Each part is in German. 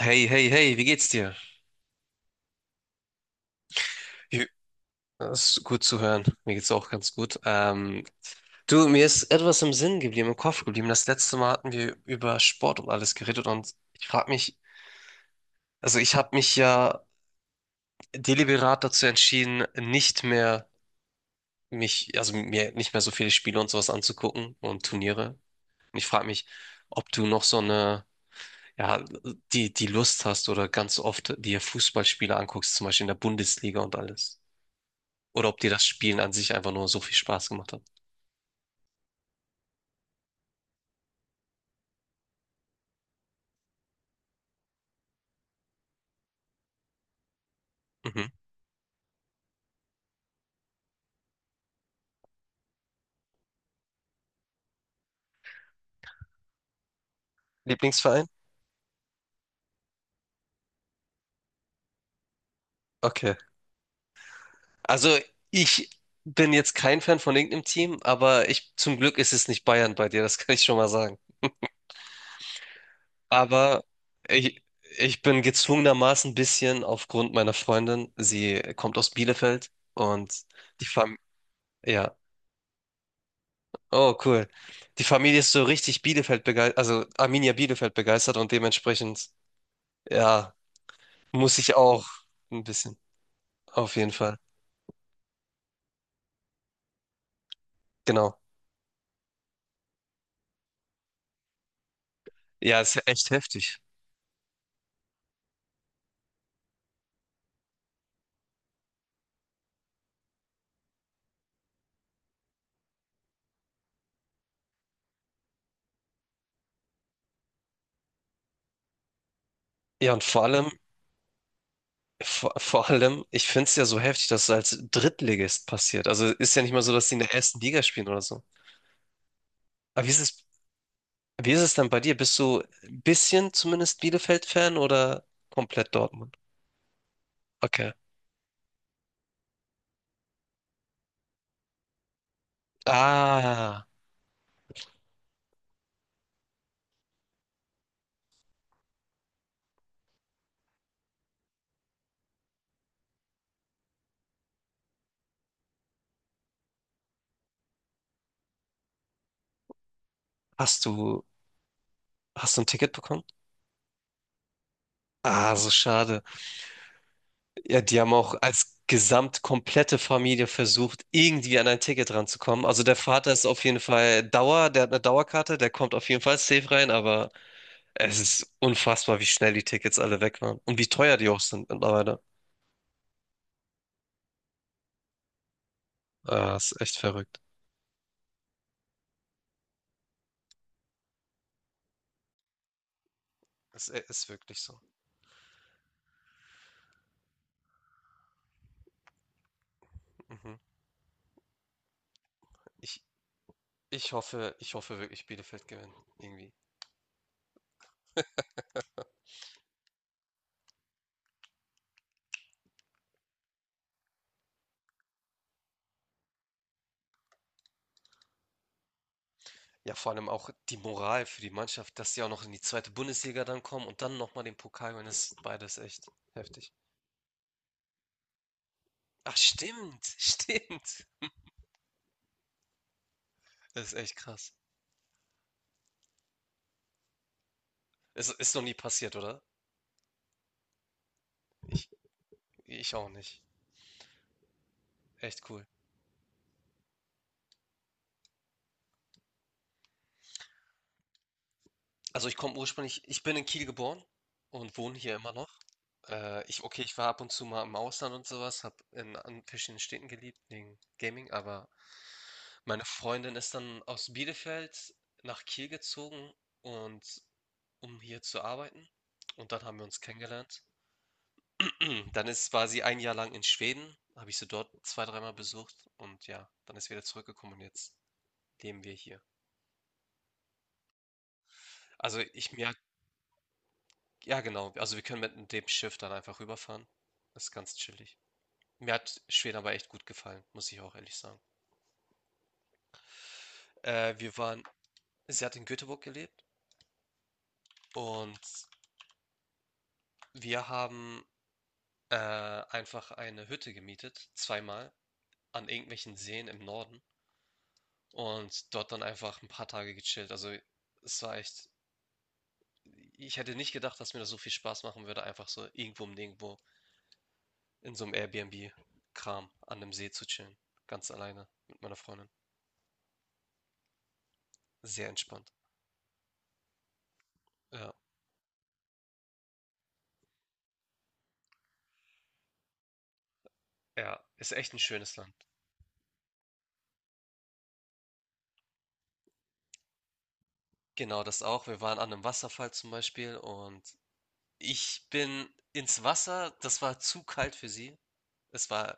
Hey, hey, hey, wie geht's dir? Wie- Das ist gut zu hören. Mir geht's auch ganz gut. Du, mir ist etwas im Sinn geblieben, im Kopf geblieben. Das letzte Mal hatten wir über Sport und alles geredet und ich frage mich, also ich habe mich ja deliberat dazu entschieden, nicht mehr also mir nicht mehr so viele Spiele und sowas anzugucken und Turniere. Und ich frage mich, ob du noch so eine, ja, die Lust hast oder ganz oft dir Fußballspiele anguckst, zum Beispiel in der Bundesliga und alles. Oder ob dir das Spielen an sich einfach nur so viel Spaß gemacht hat. Mhm. Lieblingsverein? Okay. Also ich bin jetzt kein Fan von irgendeinem Team, aber ich, zum Glück ist es nicht Bayern bei dir, das kann ich schon mal sagen. Aber ich, ich bin gezwungenermaßen ein bisschen aufgrund meiner Freundin. Sie kommt aus Bielefeld und die Familie, ja, oh cool. Die Familie ist so richtig Bielefeld begeistert, also Arminia Bielefeld begeistert und dementsprechend, ja, muss ich auch ein bisschen, auf jeden Fall. Genau. Ja, ist ja echt heftig. Ja, und vor allem, vor allem, ich finde es ja so heftig, dass es als Drittligist passiert. Also ist ja nicht mal so, dass die in der ersten Liga spielen oder so. Aber wie ist es dann bei dir? Bist du ein bisschen zumindest Bielefeld-Fan oder komplett Dortmund? Okay. Ah, hast du, hast du ein Ticket bekommen? Ah, so schade. Ja, die haben auch als gesamt komplette Familie versucht, irgendwie an ein Ticket ranzukommen. Also der Vater ist auf jeden Fall Dauer, der hat eine Dauerkarte, der kommt auf jeden Fall safe rein, aber es ist unfassbar, wie schnell die Tickets alle weg waren und wie teuer die auch sind mittlerweile. Ah, ist echt verrückt. Ist wirklich so. Mhm. Ich, Ich hoffe, ich hoffe wirklich, Bielefeld gewinnt irgendwie. Ja, vor allem auch die Moral für die Mannschaft, dass sie auch noch in die zweite Bundesliga dann kommen und dann nochmal den Pokal gewinnen, das ist beides echt heftig. Ach, stimmt, stimmt. Das ist echt krass. Es ist noch nie passiert, oder? Ich, Ich auch nicht. Echt cool. Also ich komme ursprünglich, ich bin in Kiel geboren und wohne hier immer noch. Okay, ich war ab und zu mal im Ausland und sowas, habe an verschiedenen Städten gelebt, wegen Gaming, aber meine Freundin ist dann aus Bielefeld nach Kiel gezogen und um hier zu arbeiten. Und dann haben wir uns kennengelernt. Dann war sie ein Jahr lang in Schweden, habe ich sie dort zwei, dreimal besucht und ja, dann ist sie wieder zurückgekommen und jetzt leben wir hier. Also ich merke, ja, genau. Also wir können mit dem Schiff dann einfach rüberfahren. Das ist ganz chillig. Mir hat Schweden aber echt gut gefallen, muss ich auch ehrlich sagen. Äh, wir waren, Sie hat in Göteborg gelebt und wir haben einfach eine Hütte gemietet, zweimal, an irgendwelchen Seen im Norden und dort dann einfach ein paar Tage gechillt. Also es war echt, ich hätte nicht gedacht, dass mir das so viel Spaß machen würde, einfach so irgendwo im Nirgendwo in so einem Airbnb-Kram an einem See zu chillen, ganz alleine mit meiner Freundin. Sehr entspannt. Ja, ja, ist echt ein schönes Land. Genau, das auch. Wir waren an einem Wasserfall zum Beispiel und ich bin ins Wasser. Das war zu kalt für sie. Es war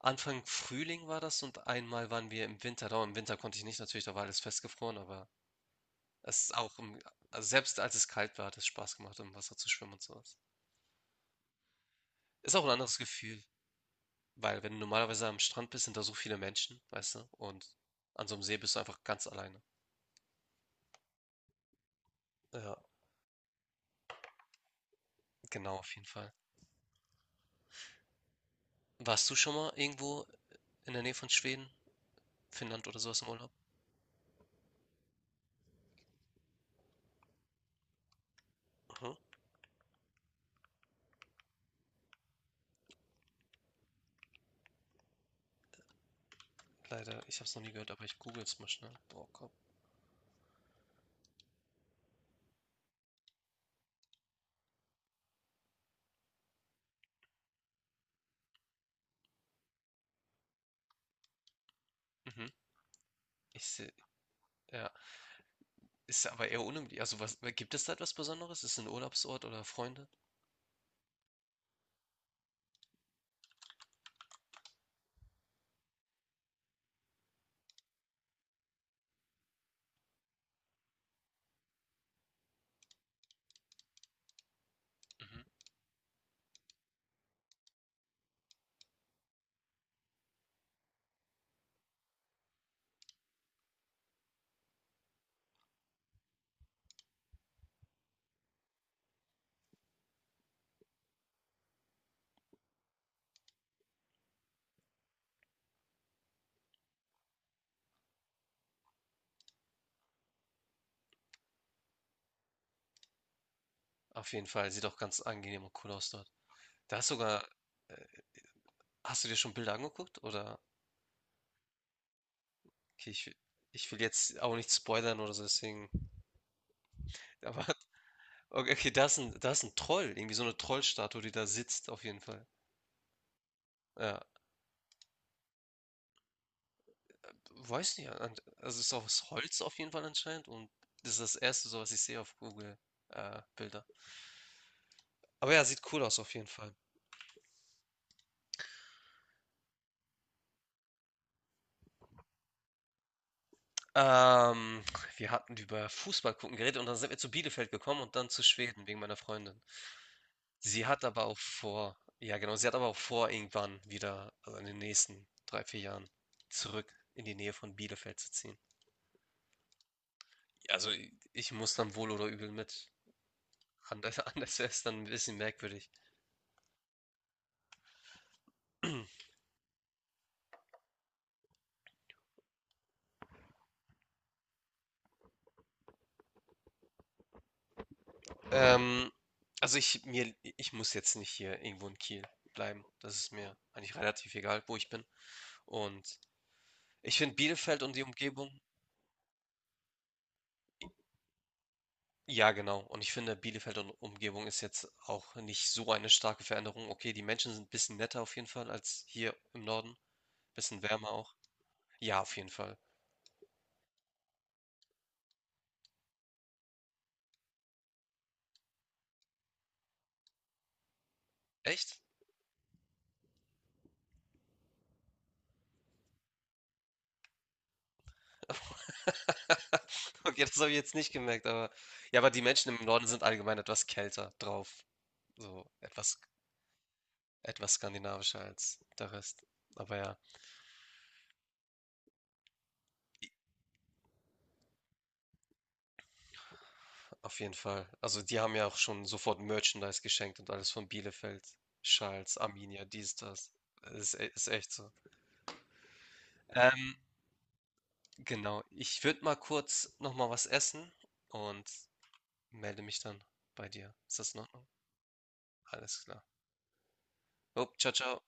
Anfang Frühling war das und einmal waren wir im Winter da. Im Winter konnte ich nicht natürlich, da war alles festgefroren, aber es ist auch im also selbst als es kalt war, hat es Spaß gemacht, im Wasser zu schwimmen und so was. Ist auch ein anderes Gefühl, weil wenn du normalerweise am Strand bist, sind da so viele Menschen, weißt du, und an so einem See bist du einfach ganz alleine. Ja, genau, auf jeden Fall. Warst du schon mal irgendwo in der Nähe von Schweden, Finnland oder sowas im Urlaub? Aha. Leider, ich hab's noch nie gehört, aber ich google es mal schnell. Boah, komm. Mhm. Ich sehe, ja. Ist aber eher unüblich. Also, was, gibt es da etwas Besonderes? Ist es ein Urlaubsort oder Freunde? Mhm. Auf jeden Fall, sieht auch ganz angenehm und cool aus dort. Da hast sogar, äh, Hast du dir schon Bilder angeguckt? Okay, ich will jetzt auch nicht spoilern oder so, deswegen. Aber okay, okay, da ist 'n Troll, irgendwie so eine Trollstatue, die da sitzt auf jeden Fall. Ja, weiß nicht, an also, ist aus Holz auf jeden Fall anscheinend und das ist das erste so was ich sehe auf Google, Bilder. Aber ja, sieht cool aus auf jeden Fall. Ähm, Wir hatten über Fußball gucken geredet und dann sind wir zu Bielefeld gekommen und dann zu Schweden wegen meiner Freundin. Sie hat aber auch vor, irgendwann wieder, also, in den nächsten 3 4 Jahren zurück in die Nähe von Bielefeld zu ziehen. Ja, also, i ich muss dann wohl oder übel mit. Anders wäre es dann ein bisschen merkwürdig. Ähm, also ich muss jetzt nicht hier irgendwo in Kiel bleiben. Das ist mir eigentlich relativ egal, wo ich bin. Und ich finde Bielefeld und die Umgebung, ja genau. Und ich finde Bielefeld und Umgebung ist jetzt auch nicht so eine starke Veränderung. Okay, die Menschen sind ein bisschen netter auf jeden Fall als hier im Norden. Bisschen wärmer auch. Ja, auf jeden Fall. Echt? Okay, das habe ich jetzt nicht gemerkt, aber ja, aber die Menschen im Norden sind allgemein etwas kälter drauf. So etwas, etwas skandinavischer als der Rest. Aber ja, auf jeden Fall. Also die haben ja auch schon sofort Merchandise geschenkt und alles von Bielefeld, Schals, Arminia, dies, das. Ist echt so. Ähm, genau. Ich würde mal kurz nochmal was essen und melde mich dann bei dir. Ist das in Ordnung? Alles klar. Upp, ciao, ciao.